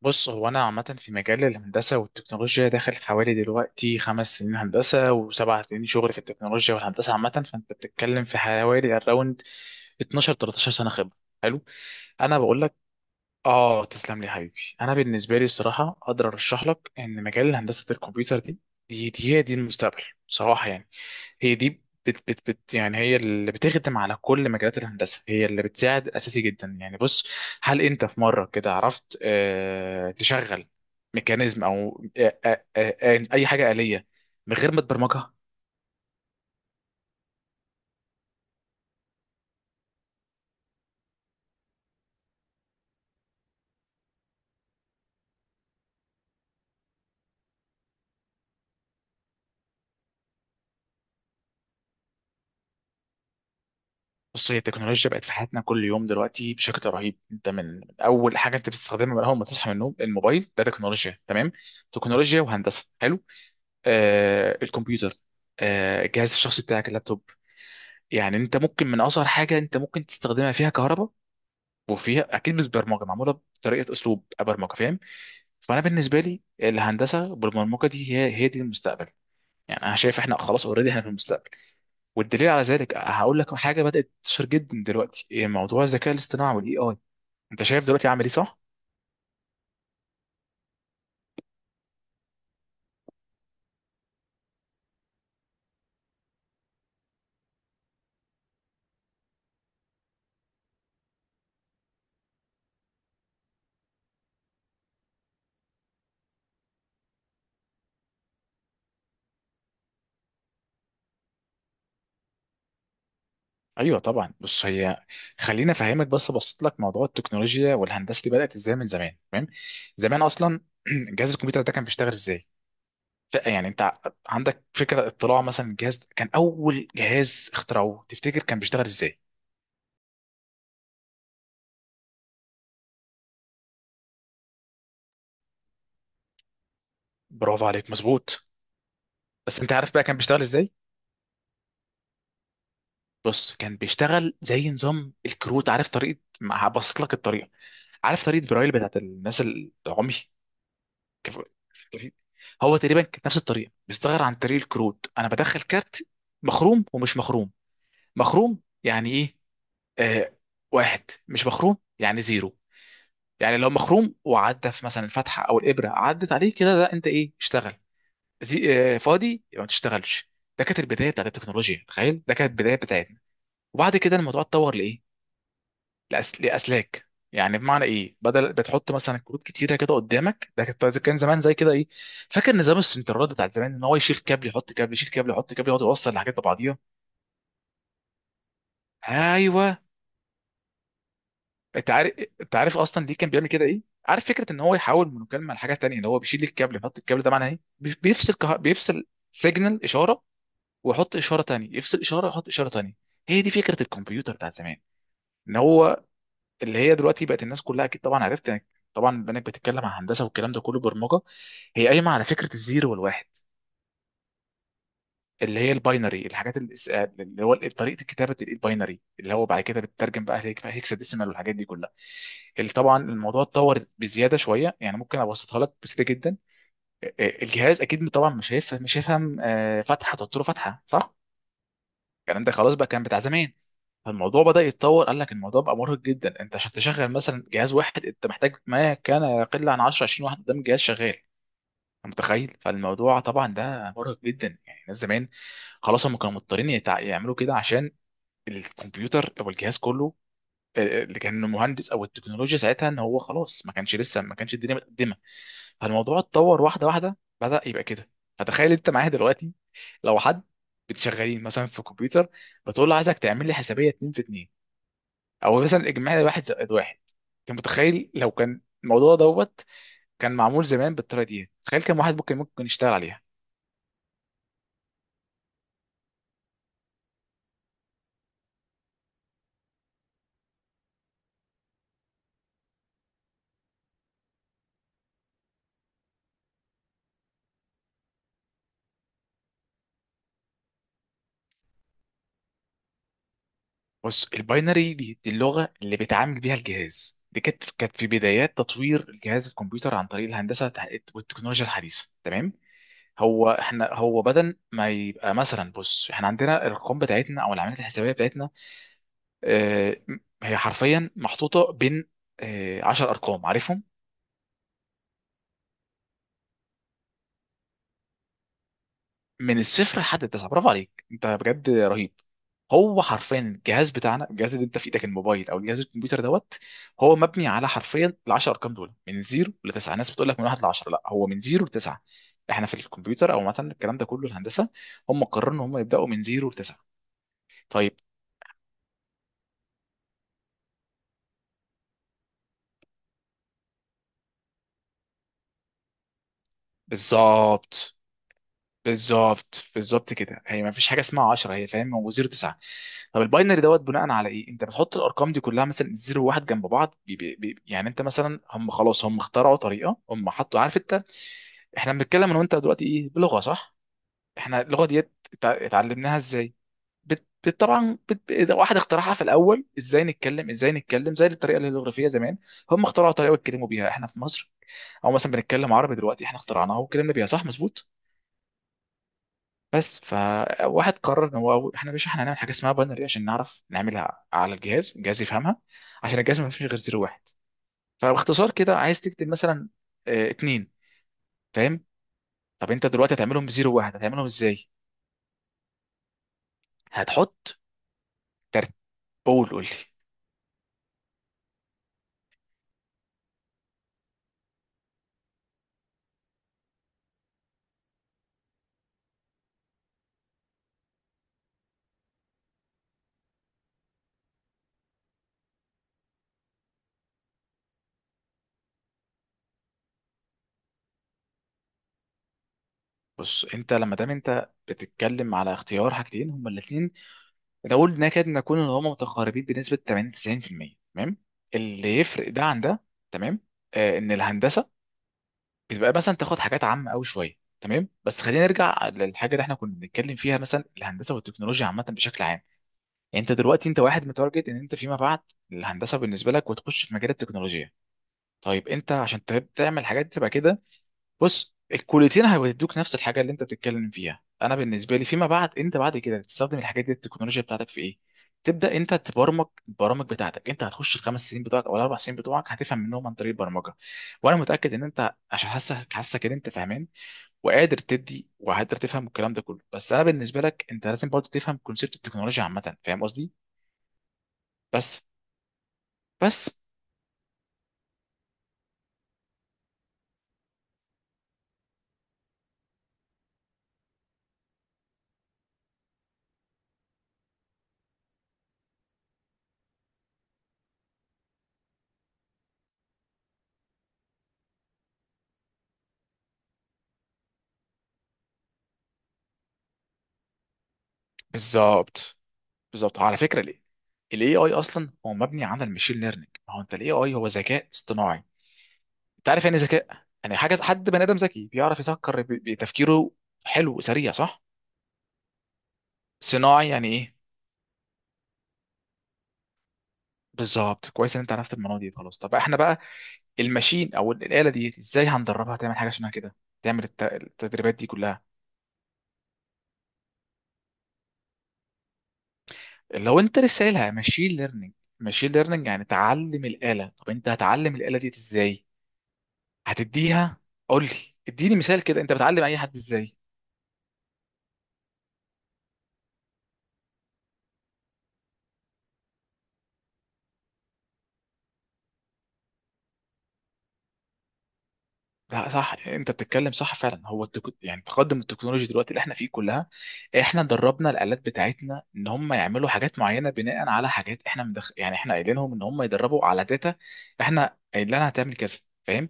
بص، هو انا عامه في مجال الهندسه والتكنولوجيا داخل حوالي دلوقتي 5 سنين هندسه و7 سنين شغل في التكنولوجيا والهندسه عامه. فانت بتتكلم في حوالي اراوند 12 13 سنه خبره. حلو. انا بقول لك، اه تسلم لي حبيبي. انا بالنسبه لي الصراحه اقدر ارشح لك ان مجال هندسه الكمبيوتر دي، هي دي المستقبل بصراحه. يعني هي دي بت، يعني هي اللي بتخدم على كل مجالات الهندسه، هي اللي بتساعد اساسي جدا. يعني بص، هل انت في مره كده عرفت تشغل ميكانيزم او اي حاجه آلية من غير ما تبرمجها؟ بص، هي التكنولوجيا بقت في حياتنا كل يوم دلوقتي بشكل رهيب. انت من اول حاجه انت بتستخدمها من اول ما تصحى من النوم، الموبايل ده تكنولوجيا. تمام، تكنولوجيا وهندسه. حلو، الكمبيوتر، الجهاز الشخصي بتاعك اللابتوب. يعني انت ممكن من اصغر حاجه انت ممكن تستخدمها فيها كهرباء، وفيها اكيد مش برمجه معموله بطريقه اسلوب برمجه، فاهم؟ فانا بالنسبه لي الهندسه بالبرمجه دي هي دي المستقبل. يعني انا شايف احنا خلاص اوريدي احنا في المستقبل. والدليل على ذلك هقول لك حاجه بدات تنتشر جدا دلوقتي، إيه موضوع الذكاء الاصطناعي والاي اي. انت شايف دلوقتي عامل ايه، صح؟ ايوه طبعا. بص، هي خليني افهمك بس، ابسط لك موضوع التكنولوجيا والهندسه اللي بدات ازاي من زمان. تمام؟ زمان اصلا جهاز الكمبيوتر ده كان بيشتغل ازاي؟ ف- يعني انت ع- عندك فكره، اطلاع مثلا، الجهاز ده كان اول جهاز اخترعوه، تفتكر كان بيشتغل ازاي؟ برافو عليك، مظبوط. بس انت عارف بقى كان بيشتغل ازاي؟ بص، كان بيشتغل زي نظام الكروت. عارف طريقه؟ ما هبسط لك الطريقه. عارف طريقه برايل بتاعت الناس العمي؟ كف... كف- هو تقريبا كانت نفس الطريقه، بيستغير عن طريق الكروت. انا بدخل كارت مخروم ومش مخروم. مخروم يعني ايه؟ آه، واحد. مش مخروم يعني زيرو. يعني لو مخروم وعدى في مثلا الفتحه او الابره عدت عليه كده، ده انت ايه اشتغل. زي فاضي يبقى ما تشتغلش. ده كانت البدايه بتاعت التكنولوجيا، تخيل، ده كانت البدايه بتاعتنا. وبعد كده الموضوع اتطور لايه؟ لاسلاك. يعني بمعنى ايه، بدل بتحط مثلا كروت كتيره كده قدامك، ده كان زمان زي كده ايه، فاكر نظام السنترات بتاع زمان؟ ان هو يشيل كابل، يحط كابل، يشيل كابل، يحط كابل، يقعد يوصل الحاجات ببعضيها. ايوه. انت عارف، انت عارف اصلا ليه كان بيعمل كده ايه؟ عارف فكره ان هو يحول من مكالمه لحاجه تانيه، اللي هو بيشيل الكابل يحط الكابل، ده معناه ايه؟ بيفصل سيجنال اشاره، ويحط اشاره تانيه، يفصل اشاره ويحط اشاره تانيه. هي دي فكره الكمبيوتر بتاع زمان، ان هو اللي هي دلوقتي بقت الناس كلها اكيد طبعا عرفت. يعني طبعا البنات بتتكلم عن هندسه والكلام ده كله برمجه. هي قايمه على فكره الزيرو والواحد، اللي هي الباينري. الحاجات اللي اللي هو طريقه كتابه الباينري، اللي هو بعد كده بتترجم بقى هيكساديسيمال والحاجات دي كلها. اللي طبعا الموضوع اتطور بزياده شويه. يعني ممكن ابسطها لك بسيطه جدا. الجهاز اكيد طبعا مش هيفهم فتحه، تحط له فتحه، صح؟ الكلام ده خلاص بقى كان بتاع زمان. فالموضوع بدأ يتطور، قال لك الموضوع بقى مرهق جدا. انت عشان تشغل مثلا جهاز واحد انت محتاج ما كان يقل عن 10 20 واحد قدام الجهاز شغال. انت متخيل؟ فالموضوع طبعا ده مرهق جدا يعني، الناس زمان خلاص هم كانوا مضطرين يعملوا كده عشان الكمبيوتر او الجهاز كله، اللي كان مهندس او التكنولوجيا ساعتها، ان هو خلاص ما كانش لسه، ما كانش الدنيا متقدمه. فالموضوع اتطور واحده واحده، بدأ يبقى كده. فتخيل انت معايا دلوقتي، لو حد بتشغلين مثلا في كمبيوتر، بتقول له عايزك تعمل لي حسابيه 2 في 2، او مثلا اجمالي واحد زائد واحد، انت متخيل لو كان الموضوع دوت كان معمول زمان بالطريقه دي، تخيل كم واحد ممكن يشتغل عليها. بص، الباينري دي اللغه اللي بيتعامل بيها الجهاز، دي كانت في بدايات تطوير الجهاز الكمبيوتر عن طريق الهندسه والتكنولوجيا الحديثه. تمام؟ هو احنا هو بدل ما يبقى مثلا، بص احنا عندنا الارقام بتاعتنا او العمليات الحسابيه بتاعتنا، اه، هي حرفيا محطوطه بين اه 10 ارقام عارفهم، من الصفر لحد التسعه. برافو عليك، انت بجد رهيب. هو حرفيا الجهاز بتاعنا، الجهاز اللي انت في ايدك، الموبايل او الجهاز الكمبيوتر دوت، هو مبني على حرفيا ال 10 ارقام دول من 0 ل 9. ناس بتقول لك من 1 ل 10، لا، هو من 0 ل 9. احنا في الكمبيوتر، او مثلا الكلام ده كله الهندسه، هم قرروا ان هم يبداوا من 0 ل 9. طيب. بالظبط. بالظبط بالظبط كده، هي ما فيش حاجه اسمها 10، هي فاهم، هو 0 9. طب الباينري دوت بناء على ايه انت بتحط الارقام دي كلها مثلا 0 و1 جنب بعض، بي يعني انت مثلا هم خلاص هم اخترعوا طريقه، هم حطوا، عارف انت؟ احنا بنتكلم انا وانت دلوقتي ايه، بلغه، صح؟ احنا اللغه ديت اتعلمناها ازاي؟ واحد اخترعها في الاول، ازاي نتكلم؟ ازاي نتكلم زي الطريقه الهيروغليفيه زمان؟ هم اخترعوا طريقه يتكلموا بيها. احنا في مصر او مثلا بنتكلم عربي دلوقتي، احنا اخترعناها واتكلمنا بيها، صح؟ مظبوط. بس فواحد قرر ان هو احنا مش، احنا هنعمل حاجه اسمها باينري عشان نعرف نعملها على الجهاز، الجهاز يفهمها. عشان الجهاز ما فيش غير زيرو واحد. فباختصار كده، عايز تكتب مثلا اه، اتنين، فاهم؟ طب انت دلوقتي هتعملهم بزيرو واحد، هتعملهم ازاي؟ هتحط ترتيب. قول، قول لي. بص انت لما دام انت بتتكلم على اختيار حاجتين هما الاثنين، نقول نكاد نكون ان هما متقاربين بنسبه 80 90%. تمام؟ اللي يفرق ده عن ده، تمام، آه، ان الهندسه بتبقى مثلا تاخد حاجات عامه قوي شويه. تمام، بس خلينا نرجع للحاجه اللي احنا كنا بنتكلم فيها، مثلا الهندسه والتكنولوجيا عامه بشكل عام. يعني انت دلوقتي، انت واحد متارجت ان انت فيما بعد الهندسه بالنسبه لك، وتخش في مجال التكنولوجيا. طيب انت عشان تعمل الحاجات دي تبقى كده، بص الكليتين هيدوك نفس الحاجه. اللي انت بتتكلم فيها انا بالنسبه لي فيما بعد، انت بعد كده تستخدم الحاجات دي التكنولوجيا بتاعتك في ايه؟ تبدا انت تبرمج البرامج بتاعتك. انت هتخش ال5 سنين بتوعك او ال4 سنين بتوعك هتفهم منهم عن طريق البرمجه. وانا متاكد ان انت، عشان حاسك حاسك ان انت فاهمان وقادر تدي وقادر تفهم الكلام ده كله. بس انا بالنسبه لك انت لازم برضه تفهم كونسيبت التكنولوجيا عامه، فاهم قصدي؟ بس، بس، بالظبط. بالظبط على فكره ليه؟ الاي اي اصلا هو مبني على المشين ليرنينج. ما هو انت الاي اي هو ذكاء اصطناعي. انت عارف يعني إيه ذكاء؟ يعني حاجه، حد بني ادم ذكي بيعرف يفكر بتفكيره، حلو وسريع، صح؟ صناعي يعني ايه؟ بالظبط. كويس ان انت عرفت المعلومه دي، خلاص. طب احنا بقى الماشين او الاله دي ازاي هندربها تعمل حاجه شبه كده، تعمل التدريبات دي كلها؟ لو انت لسه قايلها ماشين ليرنينج، ماشين ليرنينج يعني تعلم الآلة. طب انت هتعلم الآلة دي ازاي؟ هتديها. قول لي، اديني مثال كده، انت بتعلم اي حد ازاي؟ لا، صح، انت بتتكلم صح فعلا. هو يعني تقدم التكنولوجيا دلوقتي اللي احنا فيه كلها، احنا دربنا الالات بتاعتنا ان هم يعملوا حاجات معينه، بناء على حاجات احنا يعني احنا قايلين لهم ان هم يدربوا على داتا. احنا قايل لها هتعمل كذا، فاهم؟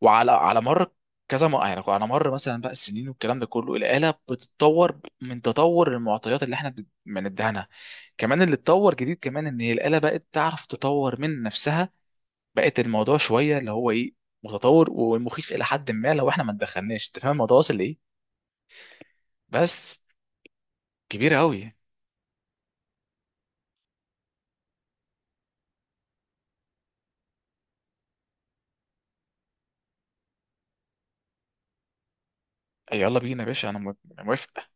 وعلى مر كذا مره، يعني على مر مثلا بقى السنين والكلام ده كله، الاله بتتطور من تطور المعطيات اللي احنا بنديها لها. كمان اللي اتطور جديد كمان ان هي الاله بقت تعرف تطور من نفسها. بقت الموضوع شويه اللي هو ايه، متطور ومخيف الى حد ما لو احنا ما اتدخلناش، انت فاهم الموضوع واصل لايه. بس. كبير قوي. يلا بينا يا باشا، أنا موافق.